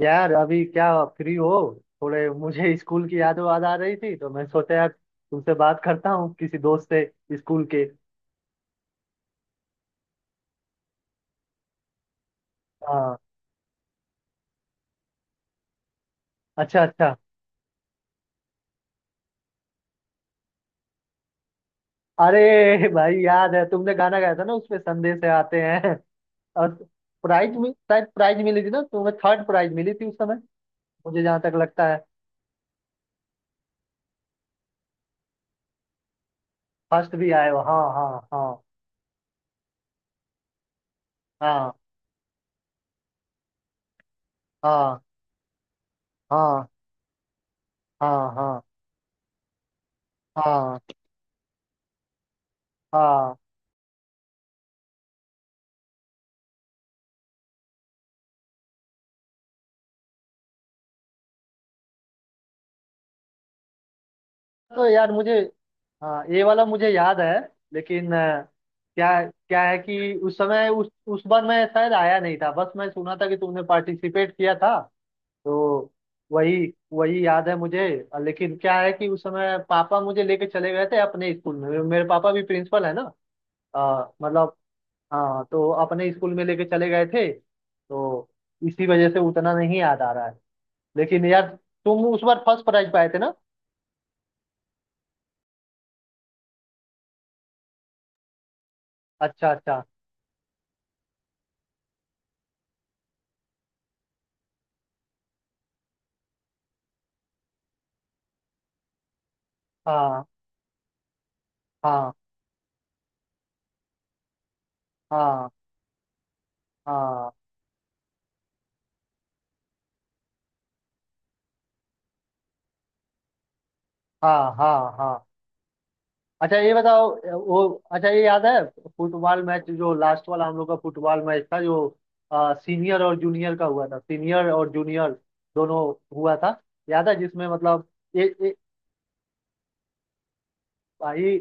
यार, अभी क्या फ्री हो? थोड़े मुझे स्कूल की याद वाद आ रही थी तो मैं सोचा यार तुमसे बात करता हूँ किसी दोस्त से स्कूल के। हाँ। अच्छा अच्छा। अरे भाई याद है तुमने गाना गाया था ना उसमें संदेश आते हैं। और प्राइज मिल शायद प्राइज मिली थी ना तुम्हें, थर्ड प्राइज मिली थी उस समय, मुझे जहाँ तक लगता है। फर्स्ट भी आए हो, हाँ हाँ। हाँ हाँ हाँ हाँ हाँ हाँ हाँ हाँ। तो यार मुझे, हाँ ये वाला मुझे याद है। लेकिन क्या क्या है कि उस समय उस बार मैं शायद आया नहीं था, बस मैं सुना था कि तुमने पार्टिसिपेट किया था तो। वही, वही याद है मुझे। लेकिन क्या है कि उस समय पापा मुझे लेके चले गए थे अपने स्कूल में, मेरे पापा भी प्रिंसिपल है ना। मतलब, हाँ, तो अपने स्कूल में लेके चले गए थे तो इसी वजह से उतना नहीं याद आ रहा है। लेकिन यार तुम उस बार फर्स्ट प्राइज पाए थे ना। अच्छा अच्छा। हाँ हाँ हाँ हाँ हाँ हाँ हाँ। अच्छा ये बताओ, वो, अच्छा ये याद है, फुटबॉल मैच जो लास्ट वाला हम लोग का फुटबॉल मैच था जो, सीनियर और जूनियर का हुआ था, सीनियर और जूनियर दोनों हुआ था, याद है जिसमें मतलब, ये भाई,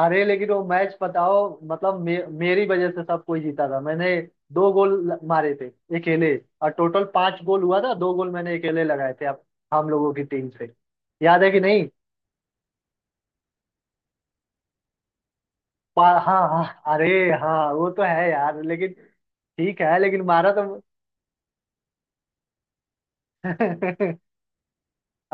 अरे लेकिन वो मैच बताओ। मतलब मेरी वजह से सब कोई जीता था। मैंने 2 गोल मारे थे अकेले। और टोटल 5 गोल हुआ था, 2 गोल मैंने अकेले लगाए थे अब, हम लोगों की टीम से। याद है कि नहीं? हाँ हाँ, अरे हाँ, वो तो है यार, लेकिन ठीक है, लेकिन मारा तो।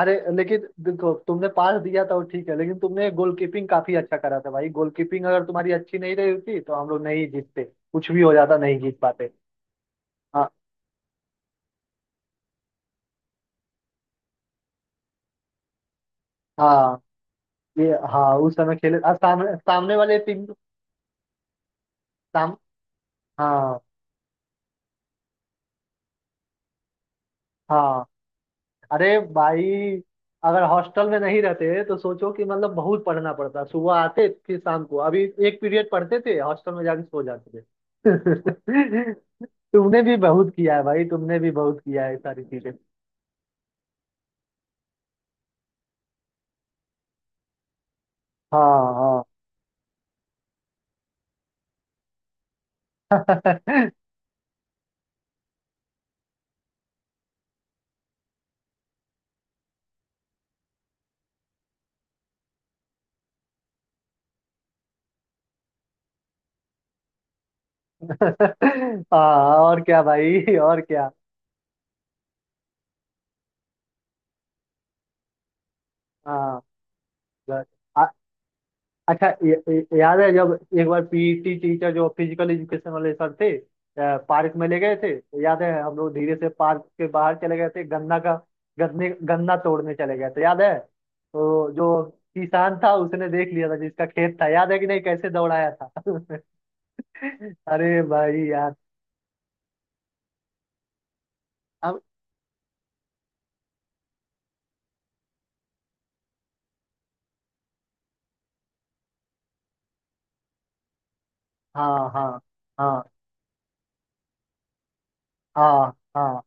अरे लेकिन देखो तुमने पास दिया था, वो ठीक है, लेकिन तुमने गोलकीपिंग काफी अच्छा करा था भाई। गोलकीपिंग अगर तुम्हारी अच्छी नहीं रही होती तो हम लोग नहीं जीतते, कुछ भी हो जाता, नहीं जीत पाते। हाँ हाँ, ये हाँ, उस समय खेले सामने, सामने वाले टीम। साम हाँ हाँ। अरे भाई, अगर हॉस्टल में नहीं रहते तो सोचो कि मतलब बहुत पढ़ना पड़ता, सुबह आते फिर शाम को अभी एक पीरियड पढ़ते थे, हॉस्टल में जाके सो जाते थे। तुमने भी बहुत किया है भाई, तुमने भी बहुत किया है ये सारी चीजें। हाँ हाँ। हाँ, और क्या भाई, और क्या। हाँ, बस। आ- अच्छा, याद है जब एक बार पीटी टीचर, जो फिजिकल एजुकेशन वाले सर थे, पार्क में ले गए थे, तो याद है हम लोग धीरे से पार्क के बाहर चले गए थे गन्ना का गन्ने गन्ना तोड़ने चले गए थे, याद है? तो जो किसान था उसने देख लिया था, जिसका खेत था, याद है कि नहीं कैसे दौड़ाया था। अरे भाई यार, अब। हाँ हाँ हाँ हाँ हाँ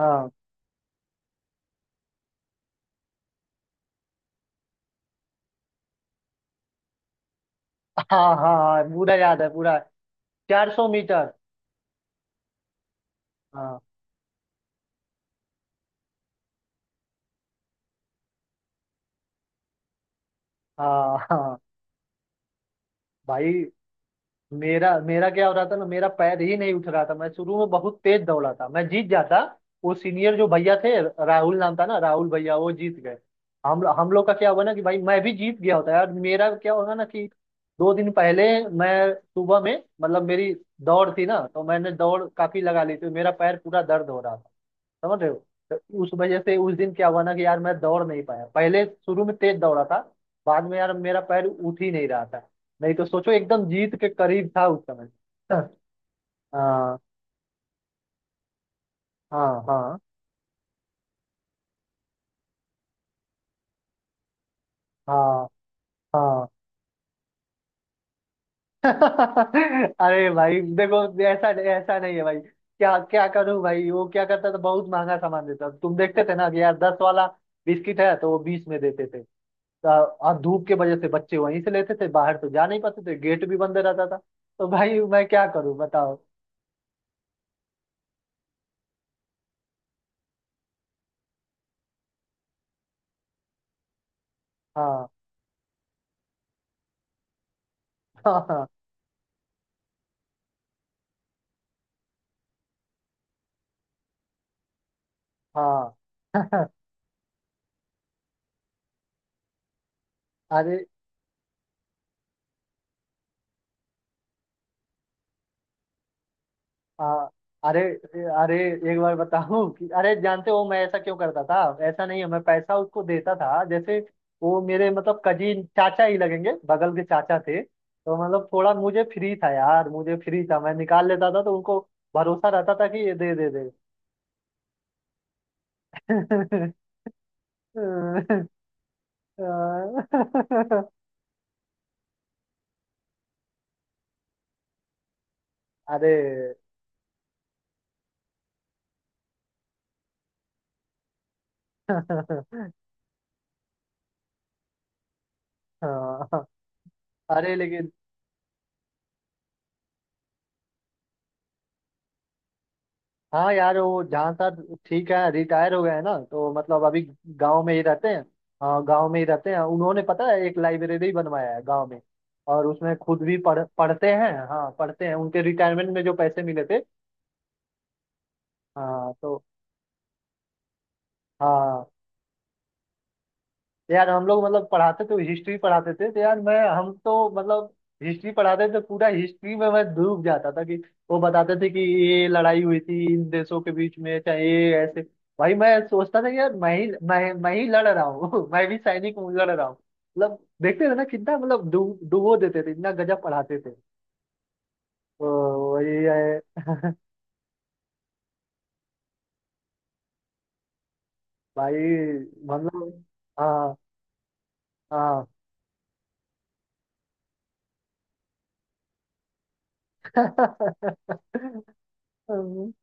हाँ हाँ हाँ हाँ, पूरा याद है, पूरा। 400 मीटर। हाँ हाँ हाँ। भाई मेरा मेरा क्या हो रहा था ना, मेरा पैर ही नहीं उठ रहा था। मैं शुरू में बहुत तेज दौड़ा था, मैं जीत जाता। वो सीनियर जो भैया थे, राहुल नाम था ना, राहुल भैया, वो जीत गए। हम लोग का क्या हुआ ना कि भाई मैं भी जीत गया होता यार। मेरा क्या होगा ना कि 2 दिन पहले मैं सुबह में मतलब, मेरी दौड़ थी ना, तो मैंने दौड़ काफी लगा ली थी। मेरा पैर पूरा दर्द हो रहा था, समझ रहे हो। तो उस वजह से उस दिन क्या हुआ ना कि यार मैं दौड़ नहीं पाया। पहले शुरू में तेज दौड़ा था, बाद में यार मेरा पैर उठ ही नहीं रहा था। नहीं तो सोचो, एकदम जीत के करीब था उस समय। हाँ हाँ हाँ हाँ हाँ। अरे भाई देखो, ऐसा ऐसा नहीं है भाई, क्या क्या करूं भाई? वो क्या करता था, बहुत महंगा सामान देता था। तुम देखते थे ना कि यार 10 वाला बिस्किट है तो वो 20 में देते थे। और धूप के वजह से बच्चे वहीं से लेते थे, बाहर तो जा नहीं पाते थे, गेट भी बंद रहता था। तो भाई मैं क्या करूं बताओ। हाँ हाँ हाँ हाँ। अरे हाँ, अरे अरे, एक बार बताऊं कि अरे जानते हो मैं ऐसा क्यों करता था? ऐसा नहीं है, मैं पैसा उसको देता था। जैसे वो मेरे मतलब कजीन चाचा ही लगेंगे, बगल के चाचा थे, तो मतलब थोड़ा मुझे फ्री था यार, मुझे फ्री था, मैं निकाल लेता था, तो उनको भरोसा रहता था कि ये दे दे दे। अरे, हाँ, अरे लेकिन, हाँ यार वो जहाँ साहब ठीक है, रिटायर हो गए हैं ना, तो मतलब अभी गांव में ही रहते हैं। हाँ, गांव में ही रहते हैं, उन्होंने पता है एक लाइब्रेरी बनवाया है गांव में। और उसमें खुद भी पढ़ते हैं, हाँ पढ़ते हैं, उनके रिटायरमेंट में जो पैसे मिले थे। हाँ, तो हाँ यार, हम लोग मतलब पढ़ाते तो हिस्ट्री पढ़ाते थे, तो यार मैं हम तो मतलब, हिस्ट्री पढ़ाते थे तो पूरा हिस्ट्री में मैं डूब जाता था कि, वो बताते थे कि ये लड़ाई हुई थी इन देशों के बीच में, चाहे ये ऐसे। भाई मैं सोचता था कि यार मैं ही लड़ रहा हूँ। मैं भी सैनिक हूँ, लड़ रहा हूँ, मतलब देखते थे ना कितना मतलब डूब डुबो देते थे, इतना गजब पढ़ाते थे। तो वही है भाई, मतलब। हाँ हाँ।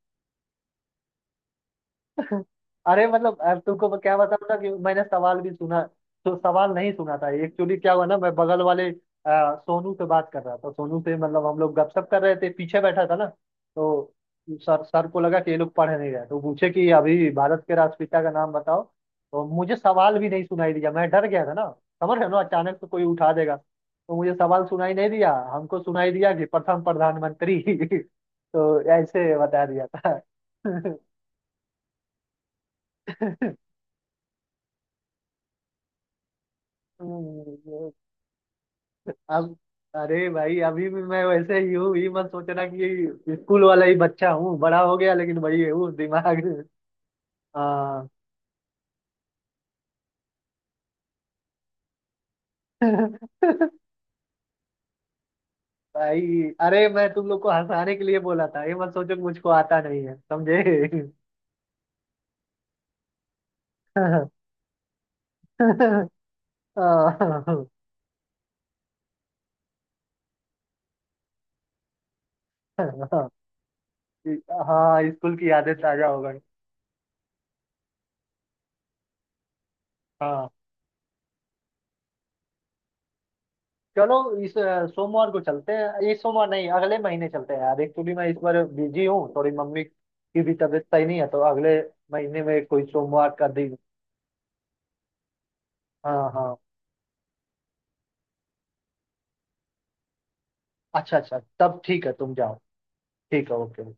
अरे मतलब, अब तुमको मैं क्या बताऊं ना कि मैंने सवाल भी सुना, तो सवाल नहीं सुना था, एक्चुअली क्या हुआ ना, मैं बगल वाले सोनू से बात कर रहा था, सोनू से मतलब हम लोग गपशप कर रहे थे, पीछे बैठा था ना। तो सर सर को लगा कि ये लोग पढ़ नहीं रहे, तो पूछे कि अभी भारत के राष्ट्रपिता का नाम बताओ। तो मुझे सवाल भी नहीं सुनाई दिया, मैं डर गया था ना, समझ रहे हो ना, अचानक से कोई उठा देगा। तो मुझे सवाल सुनाई नहीं दिया, हमको सुनाई दिया कि प्रथम प्रधानमंत्री, तो ऐसे बता दिया था। हम्म, अब, अरे भाई अभी भी मैं वैसे ही हूँ, ये मत सोचना कि स्कूल वाला ही बच्चा हूँ, बड़ा हो गया लेकिन वही हूँ दिमाग। हाँ। भाई अरे मैं तुम लोग को हंसाने के लिए बोला था, ये मत सोचो कि मुझको आता नहीं है, समझे। हाँ। हाँ, स्कूल की यादें ताजा हो गई। हाँ। चलो, इस सोमवार को चलते हैं, इस सोमवार नहीं, अगले महीने चलते हैं यार। एक्चुअली मैं इस बार बिजी हूँ थोड़ी, मम्मी की भी तबीयत सही नहीं है, तो अगले महीने में कोई सोमवार का दिन। हाँ हाँ। अच्छा अच्छा, तब ठीक है, तुम जाओ। ठीक है, ओके।